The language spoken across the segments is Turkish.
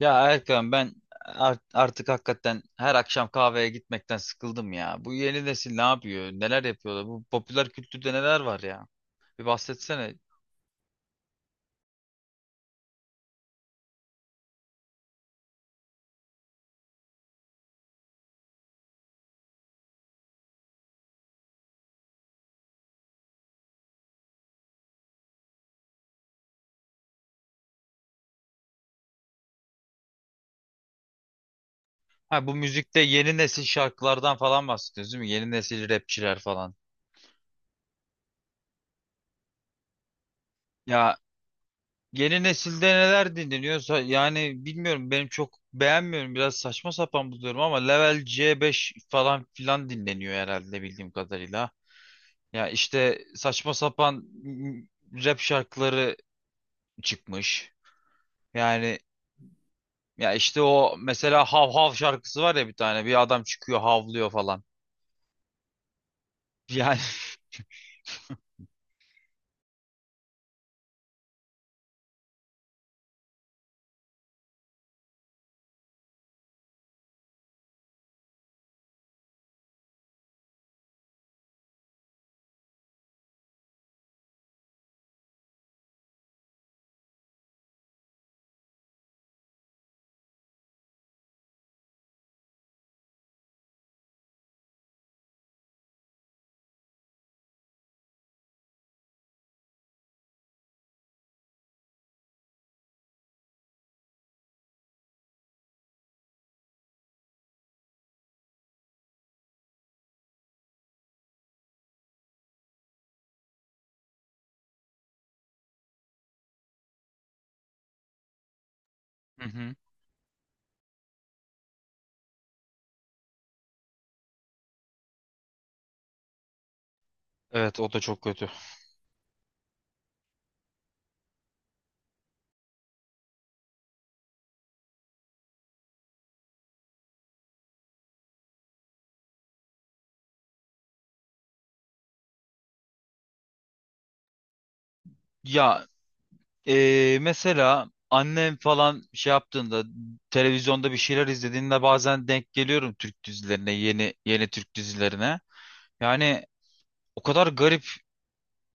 Ya Erkan ben artık hakikaten her akşam kahveye gitmekten sıkıldım ya. Bu yeni nesil ne yapıyor? Neler yapıyorlar? Bu popüler kültürde neler var ya? Bir bahsetsene. Ha bu müzikte yeni nesil şarkılardan falan bahsediyoruz değil mi? Yeni nesil rapçiler falan. Ya yeni nesilde neler dinleniyorsa yani bilmiyorum benim çok beğenmiyorum. Biraz saçma sapan buluyorum ama Level C5 falan filan dinleniyor herhalde bildiğim kadarıyla. Ya işte saçma sapan rap şarkıları çıkmış. Yani ya işte o mesela hav hav şarkısı var ya bir tane. Bir adam çıkıyor havlıyor falan. Yani Hı hı, evet o da çok kötü. Ya mesela annem falan şey yaptığında televizyonda bir şeyler izlediğinde bazen denk geliyorum Türk dizilerine, yeni yeni Türk dizilerine. Yani o kadar garip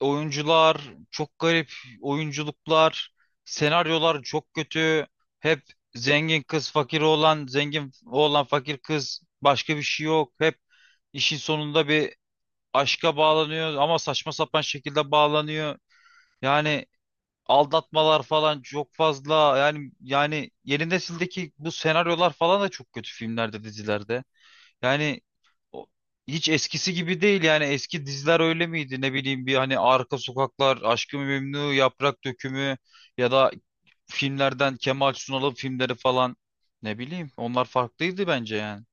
oyuncular çok garip oyunculuklar, senaryolar çok kötü. Hep zengin kız fakir oğlan, zengin oğlan fakir kız başka bir şey yok. Hep işin sonunda bir aşka bağlanıyor ama saçma sapan şekilde bağlanıyor. Yani aldatmalar falan çok fazla. Yani yeni nesildeki bu senaryolar falan da çok kötü filmlerde, dizilerde. Yani o- hiç eskisi gibi değil yani eski diziler öyle miydi ne bileyim bir hani Arka Sokaklar, Aşk-ı Memnu, Yaprak Dökümü ya da filmlerden Kemal Sunal'ın filmleri falan ne bileyim onlar farklıydı bence yani.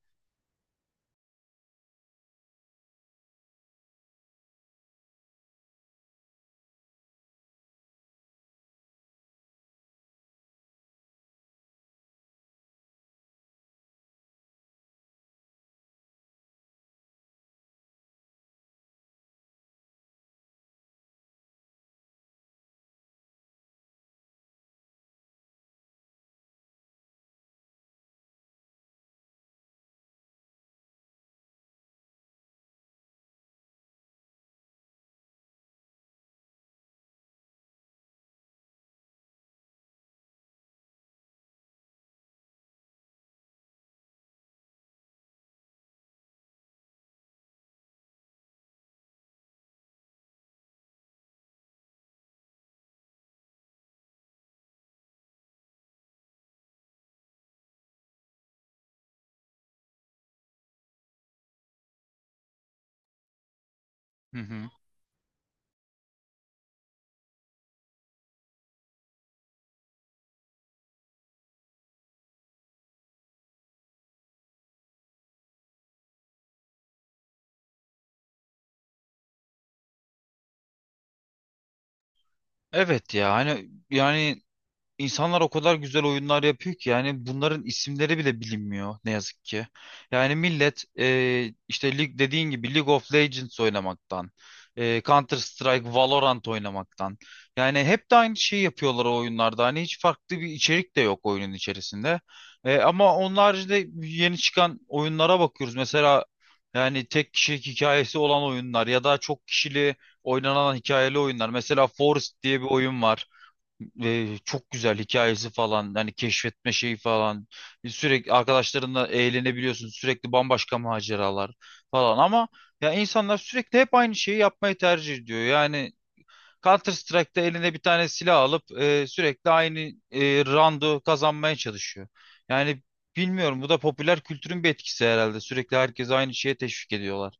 Hı hı. Evet ya hani yani İnsanlar o kadar güzel oyunlar yapıyor ki yani bunların isimleri bile bilinmiyor ne yazık ki. Yani millet işte lig dediğin gibi League of Legends oynamaktan, Counter Strike, Valorant oynamaktan. Yani hep de aynı şeyi yapıyorlar o oyunlarda. Hani hiç farklı bir içerik de yok oyunun içerisinde. Ama onun haricinde yeni çıkan oyunlara bakıyoruz. Mesela yani tek kişilik hikayesi olan oyunlar ya da çok kişili oynanan hikayeli oyunlar. Mesela Forest diye bir oyun var ve çok güzel hikayesi falan hani keşfetme şeyi falan sürekli arkadaşlarınla eğlenebiliyorsun sürekli bambaşka maceralar falan ama ya insanlar sürekli hep aynı şeyi yapmayı tercih ediyor yani Counter Strike'da eline bir tane silah alıp sürekli aynı roundu kazanmaya çalışıyor yani bilmiyorum bu da popüler kültürün bir etkisi herhalde sürekli herkes aynı şeye teşvik ediyorlar.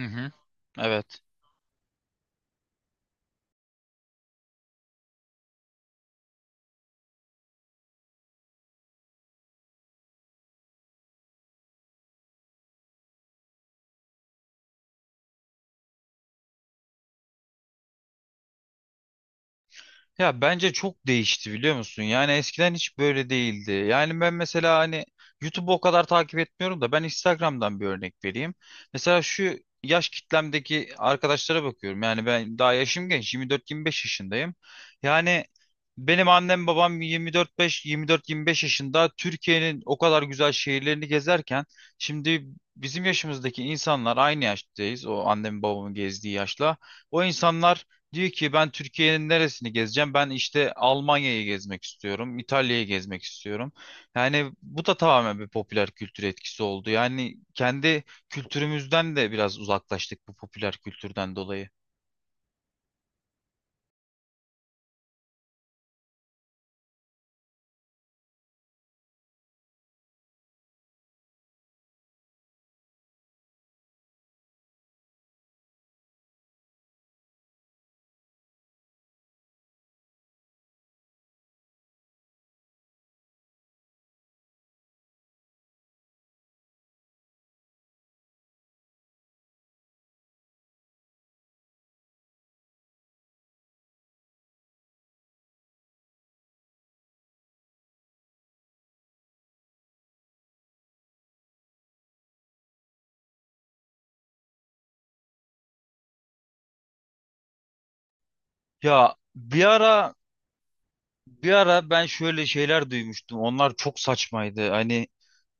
Hı hı. Evet. Ya bence çok değişti biliyor musun? Yani eskiden hiç böyle değildi. Yani ben mesela hani YouTube'u o kadar takip etmiyorum da ben Instagram'dan bir örnek vereyim. Mesela şu yaş kitlemdeki arkadaşlara bakıyorum. Yani ben daha yaşım genç 24-25 yaşındayım. Yani benim annem babam 24-5 24-25 yaşında Türkiye'nin o kadar güzel şehirlerini gezerken şimdi bizim yaşımızdaki insanlar aynı yaştayız. O annemin babamın gezdiği yaşla. O insanlar diyor ki ben Türkiye'nin neresini gezeceğim? Ben işte Almanya'yı gezmek istiyorum, İtalya'yı gezmek istiyorum. Yani bu da tamamen bir popüler kültür etkisi oldu. Yani kendi kültürümüzden de biraz uzaklaştık bu popüler kültürden dolayı. Ya bir ara bir ara ben şöyle şeyler duymuştum. Onlar çok saçmaydı. Hani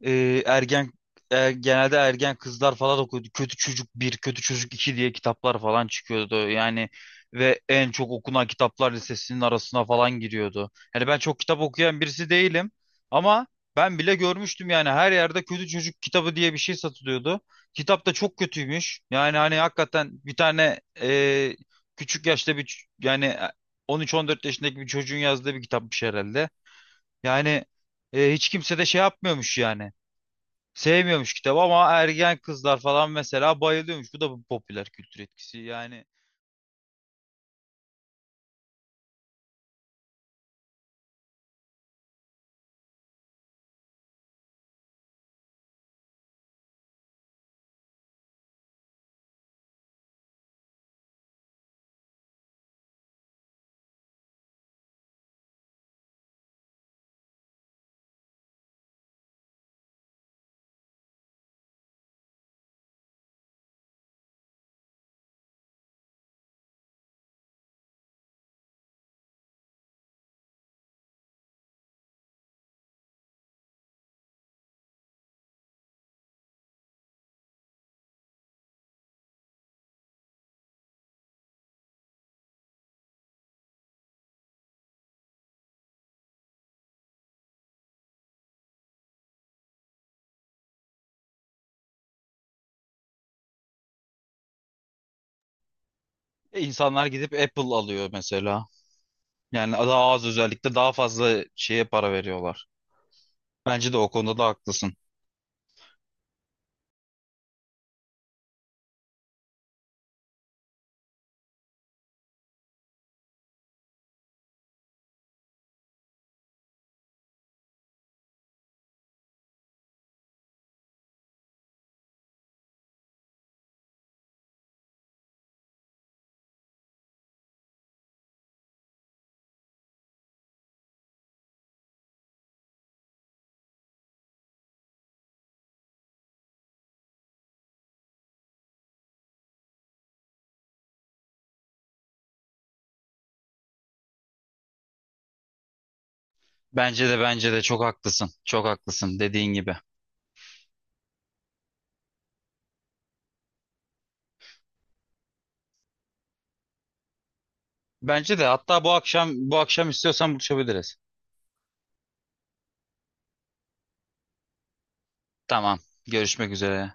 ergen genelde ergen kızlar falan okuyordu. Kötü Çocuk bir Kötü Çocuk iki diye kitaplar falan çıkıyordu. Yani ve en çok okunan kitaplar listesinin arasına falan giriyordu. Yani ben çok kitap okuyan birisi değilim ama ben bile görmüştüm yani her yerde Kötü Çocuk kitabı diye bir şey satılıyordu. Kitap da çok kötüymüş. Yani hani hakikaten bir tane küçük yaşta bir 13-14 yaşındaki bir çocuğun yazdığı bir kitapmış herhalde. Yani hiç kimse de şey yapmıyormuş yani. Sevmiyormuş kitabı ama ergen kızlar falan mesela bayılıyormuş. Bu da bir popüler kültür etkisi. Yani insanlar gidip Apple alıyor mesela. Yani daha az özellikle daha fazla şeye para veriyorlar. Bence de o konuda da haklısın. Bence de çok haklısın. Çok haklısın dediğin gibi. Bence de hatta bu akşam istiyorsan buluşabiliriz. Tamam. Görüşmek üzere.